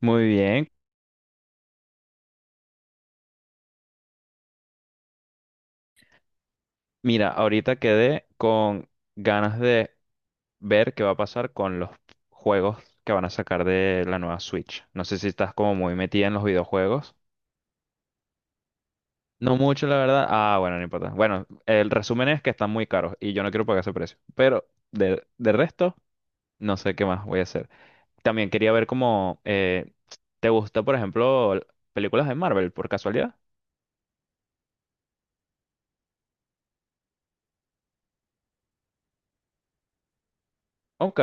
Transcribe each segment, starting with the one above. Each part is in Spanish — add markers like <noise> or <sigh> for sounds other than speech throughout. Muy bien. Mira, ahorita quedé con ganas de ver qué va a pasar con los juegos que van a sacar de la nueva Switch. No sé si estás como muy metida en los videojuegos. No mucho, la verdad. Ah, bueno, no importa. Bueno, el resumen es que están muy caros y yo no quiero pagar ese precio. Pero de resto, no sé qué más voy a hacer. También quería ver cómo te gusta, por ejemplo, películas de Marvel, por casualidad. Ok.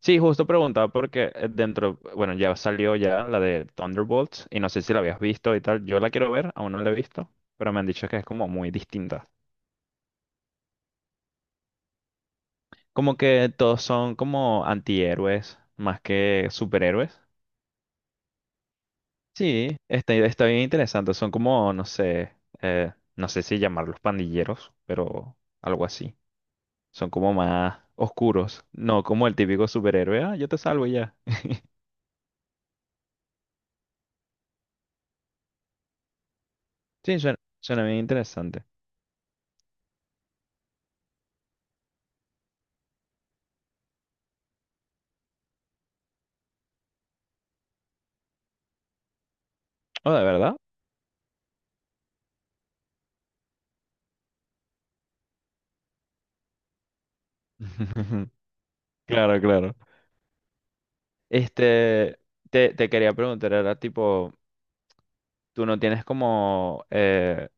Sí, justo preguntaba porque dentro, bueno, ya salió ya la de Thunderbolts y no sé si la habías visto y tal. Yo la quiero ver, aún no la he visto, pero me han dicho que es como muy distinta. Como que todos son como antihéroes más que superhéroes. Sí, está bien interesante. Son como, no sé, no sé si llamarlos pandilleros, pero algo así. Son como más oscuros, no como el típico superhéroe. Ah, yo te salvo y ya. Sí, suena bien interesante. Oh, ¿de verdad? <laughs> Claro, claro. Este, te quería preguntar, era tipo, tú no tienes como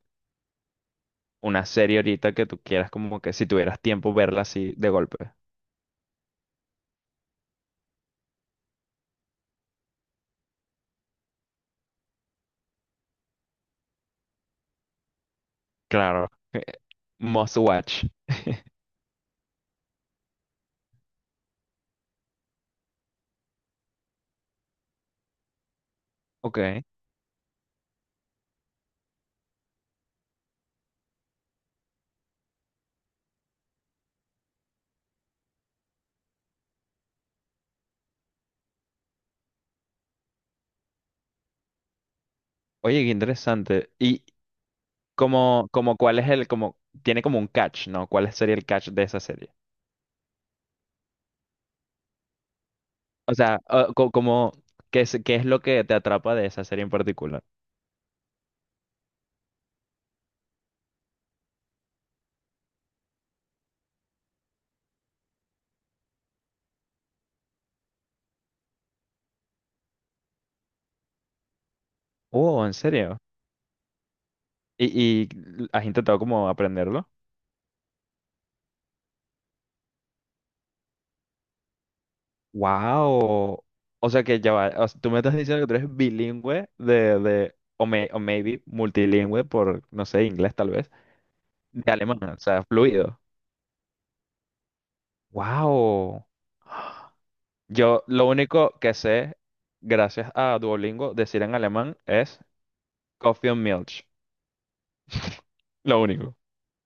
una serie ahorita que tú quieras como que si tuvieras tiempo verla así de golpe. Claro. Must watch. Ok. Oye, qué interesante. Y como cuál es el, como, tiene como un catch, ¿no? ¿Cuál sería el catch de esa serie? O sea, ah, como, qué es lo que te atrapa de esa serie en particular? Oh, ¿en serio? Y has intentado como aprenderlo? Wow. O sea que ya va. O sea, tú me estás diciendo que tú eres bilingüe de o maybe multilingüe por, no sé, inglés tal vez, de alemán, o sea, fluido. Wow. Yo lo único que sé, gracias a Duolingo, decir en alemán es Coffee and Milch. <laughs> Lo único.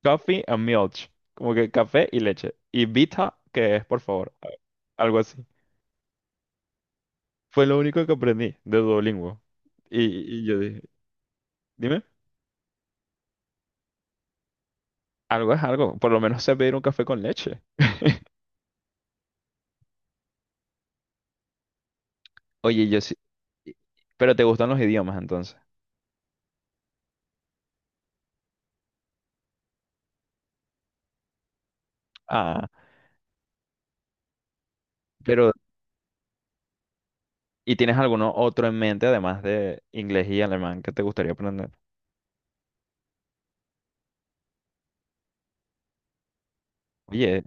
Coffee and Milch. Como que café y leche. Y Vita, que es por favor. Algo así. Fue lo único que aprendí de Duolingo. Y, y yo dije, dime. Algo es algo, por lo menos sé pedir un café con leche. Oye, yo sí, pero te gustan los idiomas entonces. Ah, pero ¿y tienes alguno otro en mente además de inglés y alemán que te gustaría aprender? Oye,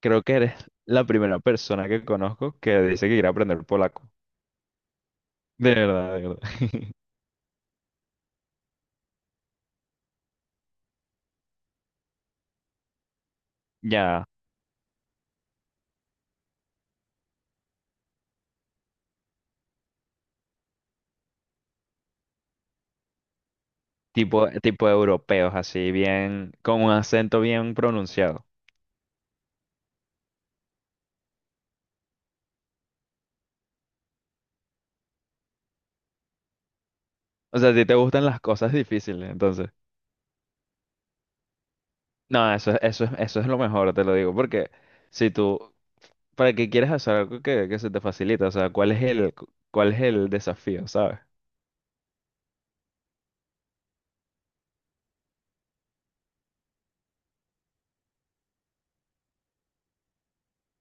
creo que eres la primera persona que conozco que dice que quiere aprender polaco. De verdad, de verdad. <laughs> Ya, tipo europeos, así bien, con un acento bien pronunciado. O sea, a ti te gustan las cosas difíciles, entonces. No, eso es lo mejor, te lo digo, porque si tú, ¿para qué quieres hacer algo que se te facilita? O sea, ¿cuál es el, cuál es el desafío, sabes?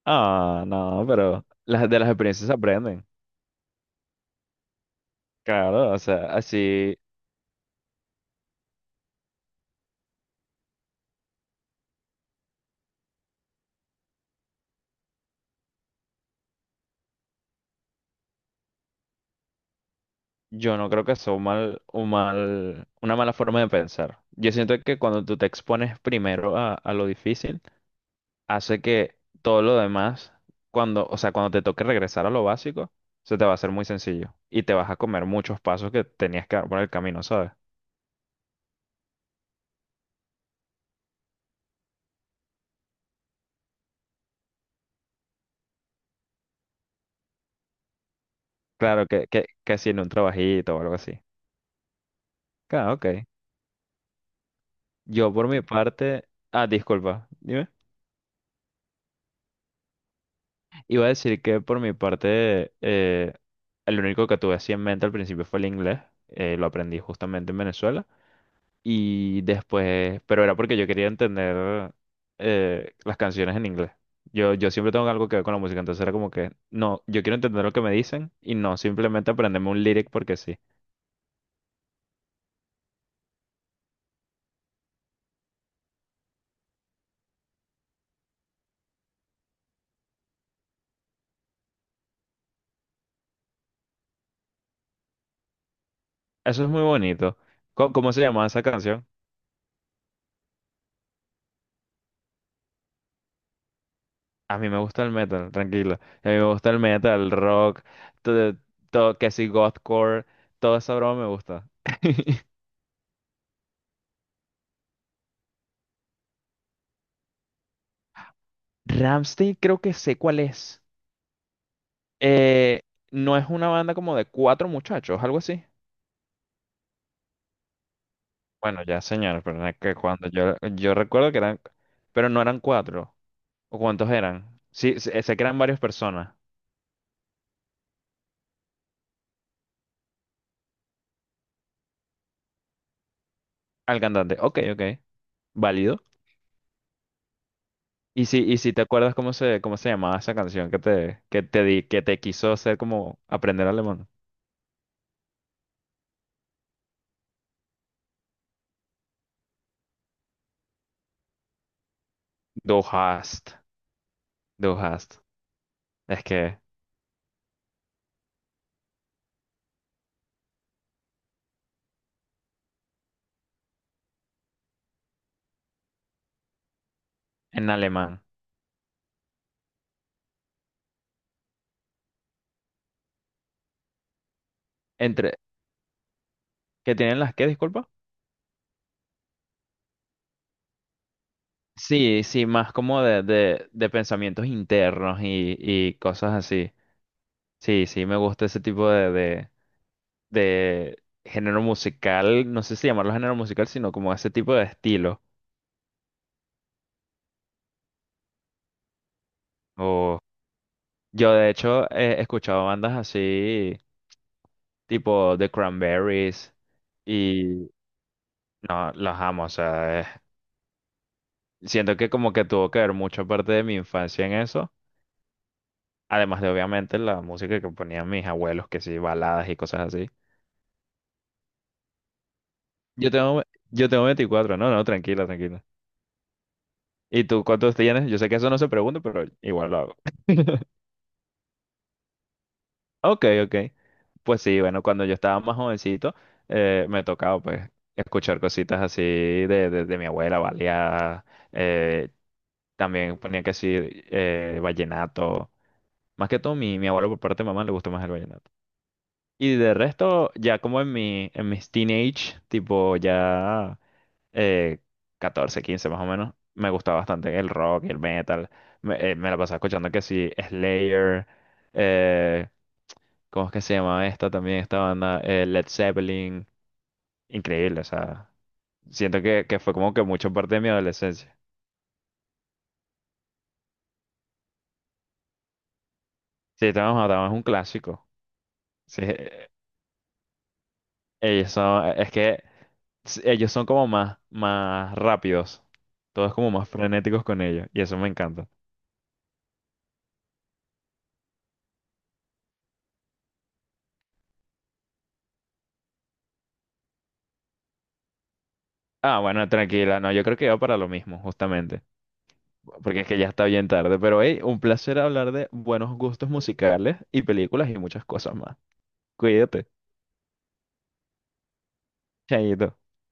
Ah, no, pero las, de las experiencias se aprenden. Claro, o sea, así yo no creo que sea un mal, una mala forma de pensar. Yo siento que cuando tú te expones primero a lo difícil, hace que todo lo demás, cuando, o sea, cuando te toque regresar a lo básico, se te va a hacer muy sencillo y te vas a comer muchos pasos que tenías que dar por el camino, ¿sabes? Claro, que si en un trabajito o algo así. Ah, ok. Yo por mi parte, ah, disculpa, dime. Iba a decir que por mi parte, el único que tuve así en mente al principio fue el inglés. Lo aprendí justamente en Venezuela. Y después, pero era porque yo quería entender las canciones en inglés. Yo siempre tengo algo que ver con la música, entonces era como que, no, yo quiero entender lo que me dicen y no simplemente aprenderme un lyric porque sí. Eso es muy bonito. ¿Cómo, cómo se llama esa canción? A mí me gusta el metal, tranquilo. A mí me gusta el metal, el rock, todo, todo que si gothcore, toda esa broma me gusta. <laughs> Ramstein creo que sé cuál es. Eh, no es una banda como de cuatro muchachos, algo así. Bueno, ya señor, pero no es que cuando yo recuerdo que eran, pero no eran cuatro. ¿O cuántos eran? Sí, sé que eran varias personas. Al cantante, ok, ok, válido. Y si te acuerdas cómo se llamaba esa canción que te, que te quiso hacer como aprender alemán. Du hast, du hast. Es que en alemán. Entre, ¿qué tienen las qué, disculpa? Sí, sí, más como de pensamientos internos y cosas así. Sí, sí, me gusta ese tipo de género musical. No sé si llamarlo género musical, sino como ese tipo de estilo. O yo de hecho he escuchado bandas así, tipo The Cranberries, y no, las amo. O sea, es- siento que como que tuvo que ver mucha parte de mi infancia en eso. Además de obviamente la música que ponían mis abuelos, que sí, baladas y cosas así. Yo tengo, yo tengo 24, no, no, tranquila, tranquila. ¿Y tú cuántos tienes? Yo sé que eso no se pregunta, pero igual lo hago. <laughs> Ok, ok. Pues sí, bueno, cuando yo estaba más jovencito, me tocaba pues escuchar cositas así de mi abuela, baleada, eh, también ponía que sí, vallenato. Más que todo, mi abuelo por parte de mamá le gustó más el vallenato. Y de resto, ya como en mi, en mis teenage, tipo ya eh, 14, 15 más o menos, me gustaba bastante el rock y el metal. Me, me la pasaba escuchando que sí, Slayer, eh, ¿cómo es que se llama esta también, esta banda? Led Zeppelin. Increíble, o sea, siento que fue como que mucho parte de mi adolescencia. Sí, estábamos, es un clásico. Sí, ellos son, ellos son como más, más rápidos. Todos como más frenéticos con ellos. Y eso me encanta. Ah, bueno, tranquila. No, yo creo que va para lo mismo, justamente. Porque es que ya está bien tarde. Pero hey, un placer hablar de buenos gustos musicales y películas y muchas cosas más. Cuídate. Chaito.